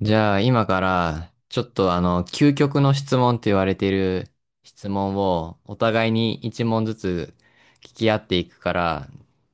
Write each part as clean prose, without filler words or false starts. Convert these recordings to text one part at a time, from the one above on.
じゃあ今からちょっと究極の質問って言われている質問をお互いに一問ずつ聞き合っていくから、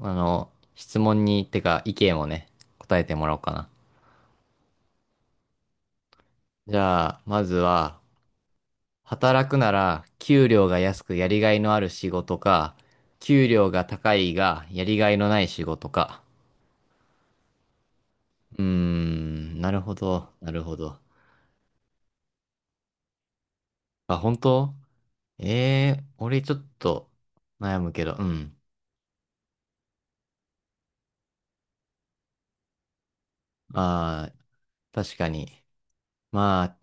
あの質問にてか意見をね、答えてもらおうかな。じゃあまずは、働くなら給料が安くやりがいのある仕事か、給料が高いがやりがいのない仕事か。うーん、なるほど、なるほど。あ、本当？ええー、俺ちょっと悩むけど、うん。ああ、確かに。まあ、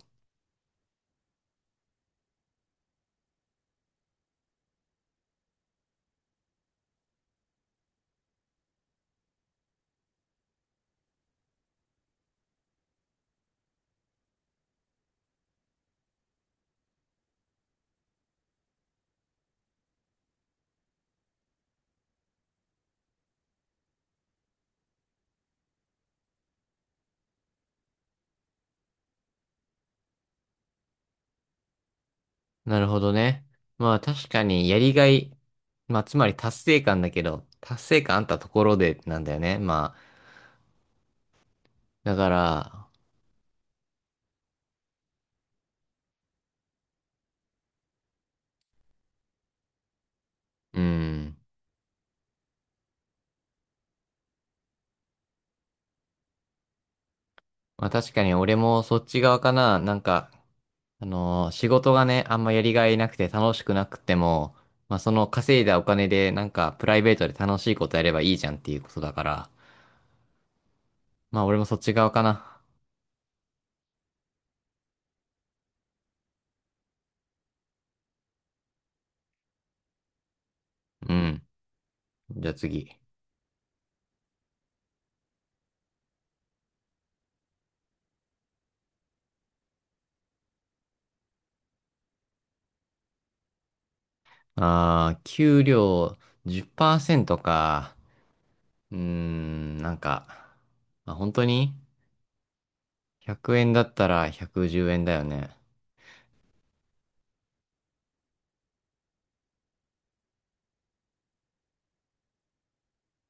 なるほどね。まあ確かにやりがい、まあつまり達成感だけど、達成感あったところでなんだよね。まあ、だから、うん。まあ確かに俺もそっち側かな。なんか、仕事がね、あんまやりがいなくて楽しくなくても、まあその稼いだお金でなんかプライベートで楽しいことやればいいじゃんっていうことだから、まあ俺もそっち側かな。うん。じゃあ次。ああ、給料10%か。うーん、なんか、まあ、本当に、 100 円だったら110円だよね。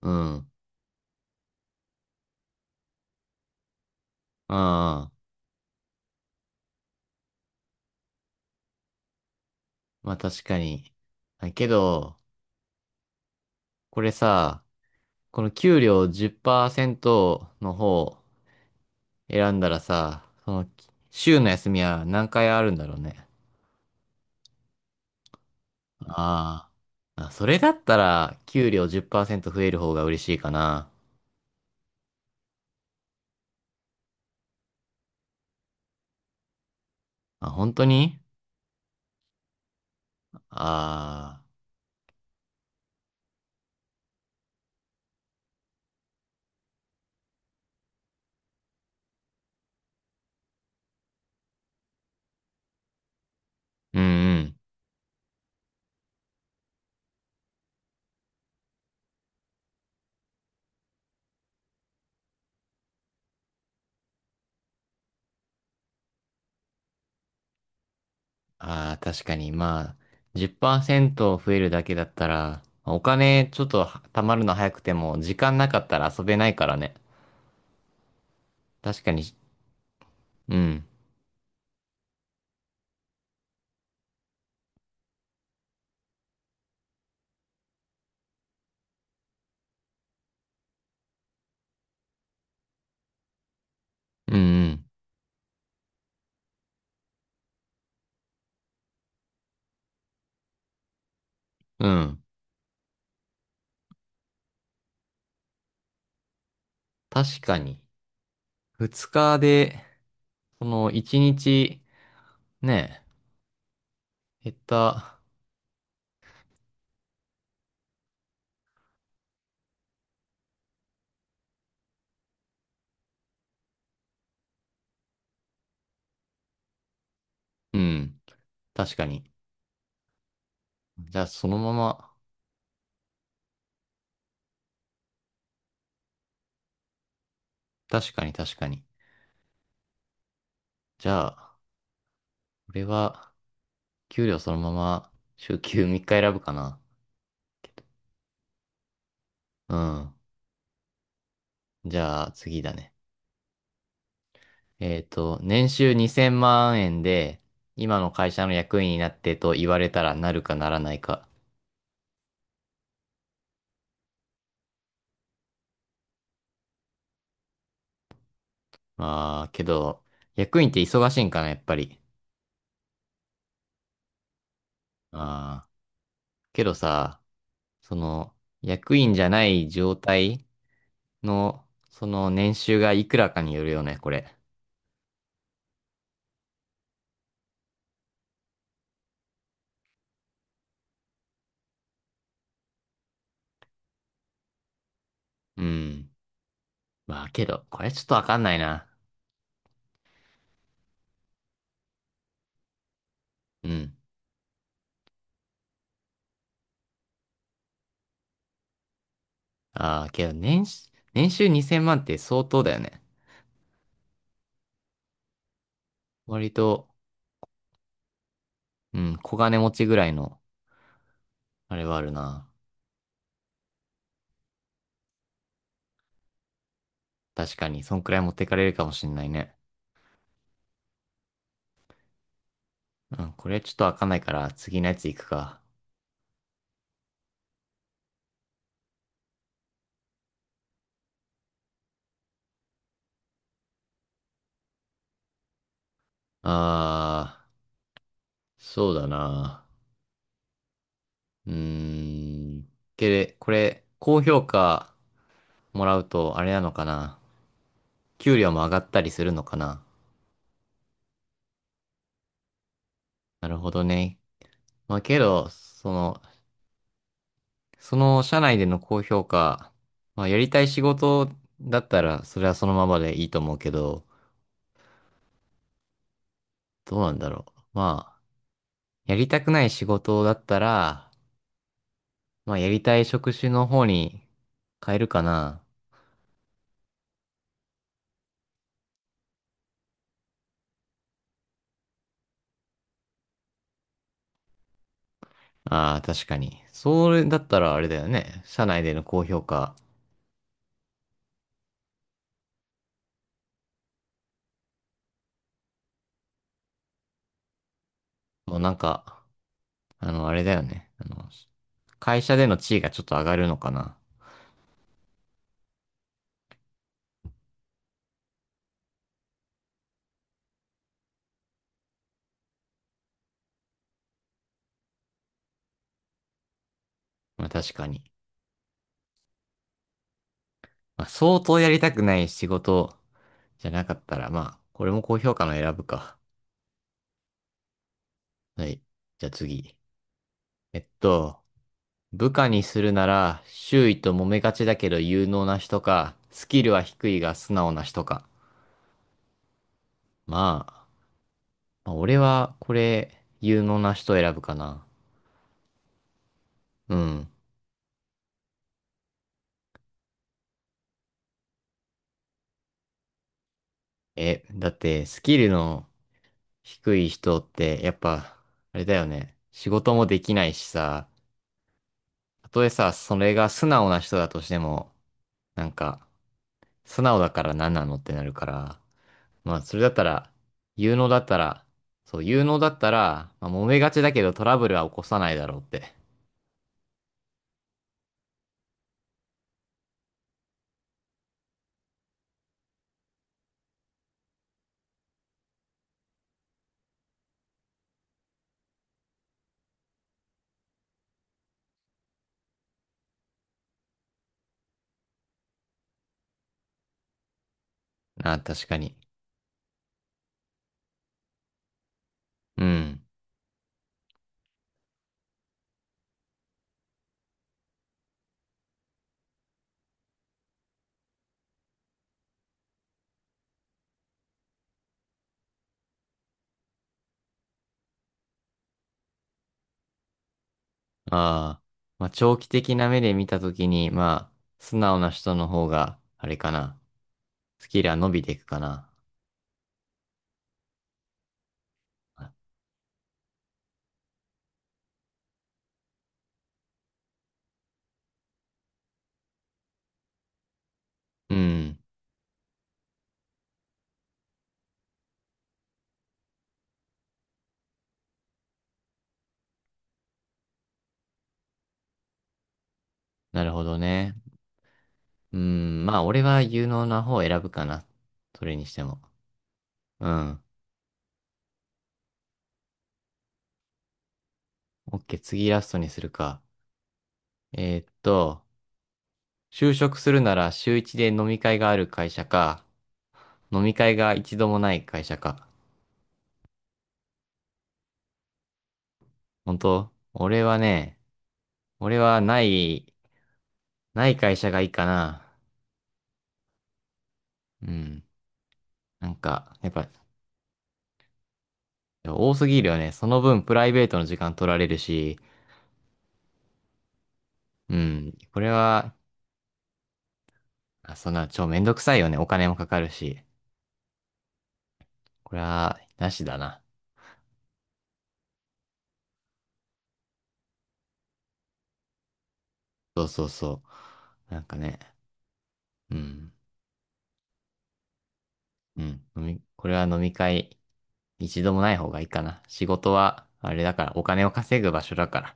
うん。ああ、まあ確かに。あけど、これさ、この給料10%の方選んだらさ、その、週の休みは何回あるんだろうね。あーまあ、それだったら給料10%増える方が嬉しいかな。あ、本当に？ああー。うんうん。ああ、確かに。まあ、10%増えるだけだったら、お金ちょっとは貯まるの早くても、時間なかったら遊べないからね。確かに。うん。うんうん。うん。確かに。2日で、その1日、ね、減った。うん。確かに。じゃあそのまま、確かに確かに。じゃあ、俺は、給料そのまま、週休3日選ぶかな。うん。じゃあ次だね。年収2000万円で、今の会社の役員になってと言われたらなるかならないか。まあ、けど、役員って忙しいんかな、やっぱり。ああ、けどさ、その、役員じゃない状態の、その年収がいくらかによるよね、これ。うん。まあ、けど、これちょっとわかんないな。うん。ああ、けど、年収2000万って相当だよね。割と、うん、小金持ちぐらいの、あれはあるな。確かに、そんくらい持ってかれるかもしんないね。うん、これちょっと開かないから、次のやつ行くか。あー、そうだな。うーん。これ、高評価もらうと、あれなのかな。給料も上がったりするのかな。なるほどね。まあけど、その社内での高評価、まあやりたい仕事だったら、それはそのままでいいと思うけど、どうなんだろう。まあ、やりたくない仕事だったら、まあ、やりたい職種の方に変えるかな。ああ、確かに。それだったらあれだよね。社内での高評価。もうなんか、あれだよね。会社での地位がちょっと上がるのかな。まあ確かに。まあ相当やりたくない仕事じゃなかったら、まあ、これも高評価の選ぶか。はい。じゃあ次。えっと、部下にするなら、周囲と揉めがちだけど有能な人か、スキルは低いが素直な人か。まあ、まあ、俺は、これ、有能な人を選ぶかな。うん。だって、スキルの低い人って、やっぱ、あれだよね。仕事もできないしさ、たとえさ、それが素直な人だとしても、なんか、素直だから何なのってなるから、まあ、それだったら、有能だったら、そう、有能だったら、まあ、揉めがちだけどトラブルは起こさないだろうって。なあ、確かに。うん。ああ、まあ、長期的な目で見たときに、まあ、素直な人の方が、あれかな。スキルは伸びていくかな。うん、なるほどね。うん、まあ、俺は有能な方を選ぶかな。それにしても。うん。オッケー、次ラストにするか。えーっと、就職するなら週一で飲み会がある会社か、飲み会が一度もない会社か。本当、俺はね、俺はない、ない会社がいいかな。うん。なんか、やっぱ多すぎるよね。その分プライベートの時間取られるし、うん。これは、あそんな、超めんどくさいよね。お金もかかるし。これは、なしだな。そうそうそう。なんかね、うん。うん。これは飲み会、一度もない方がいいかな。仕事は、あれだから、お金を稼ぐ場所だから。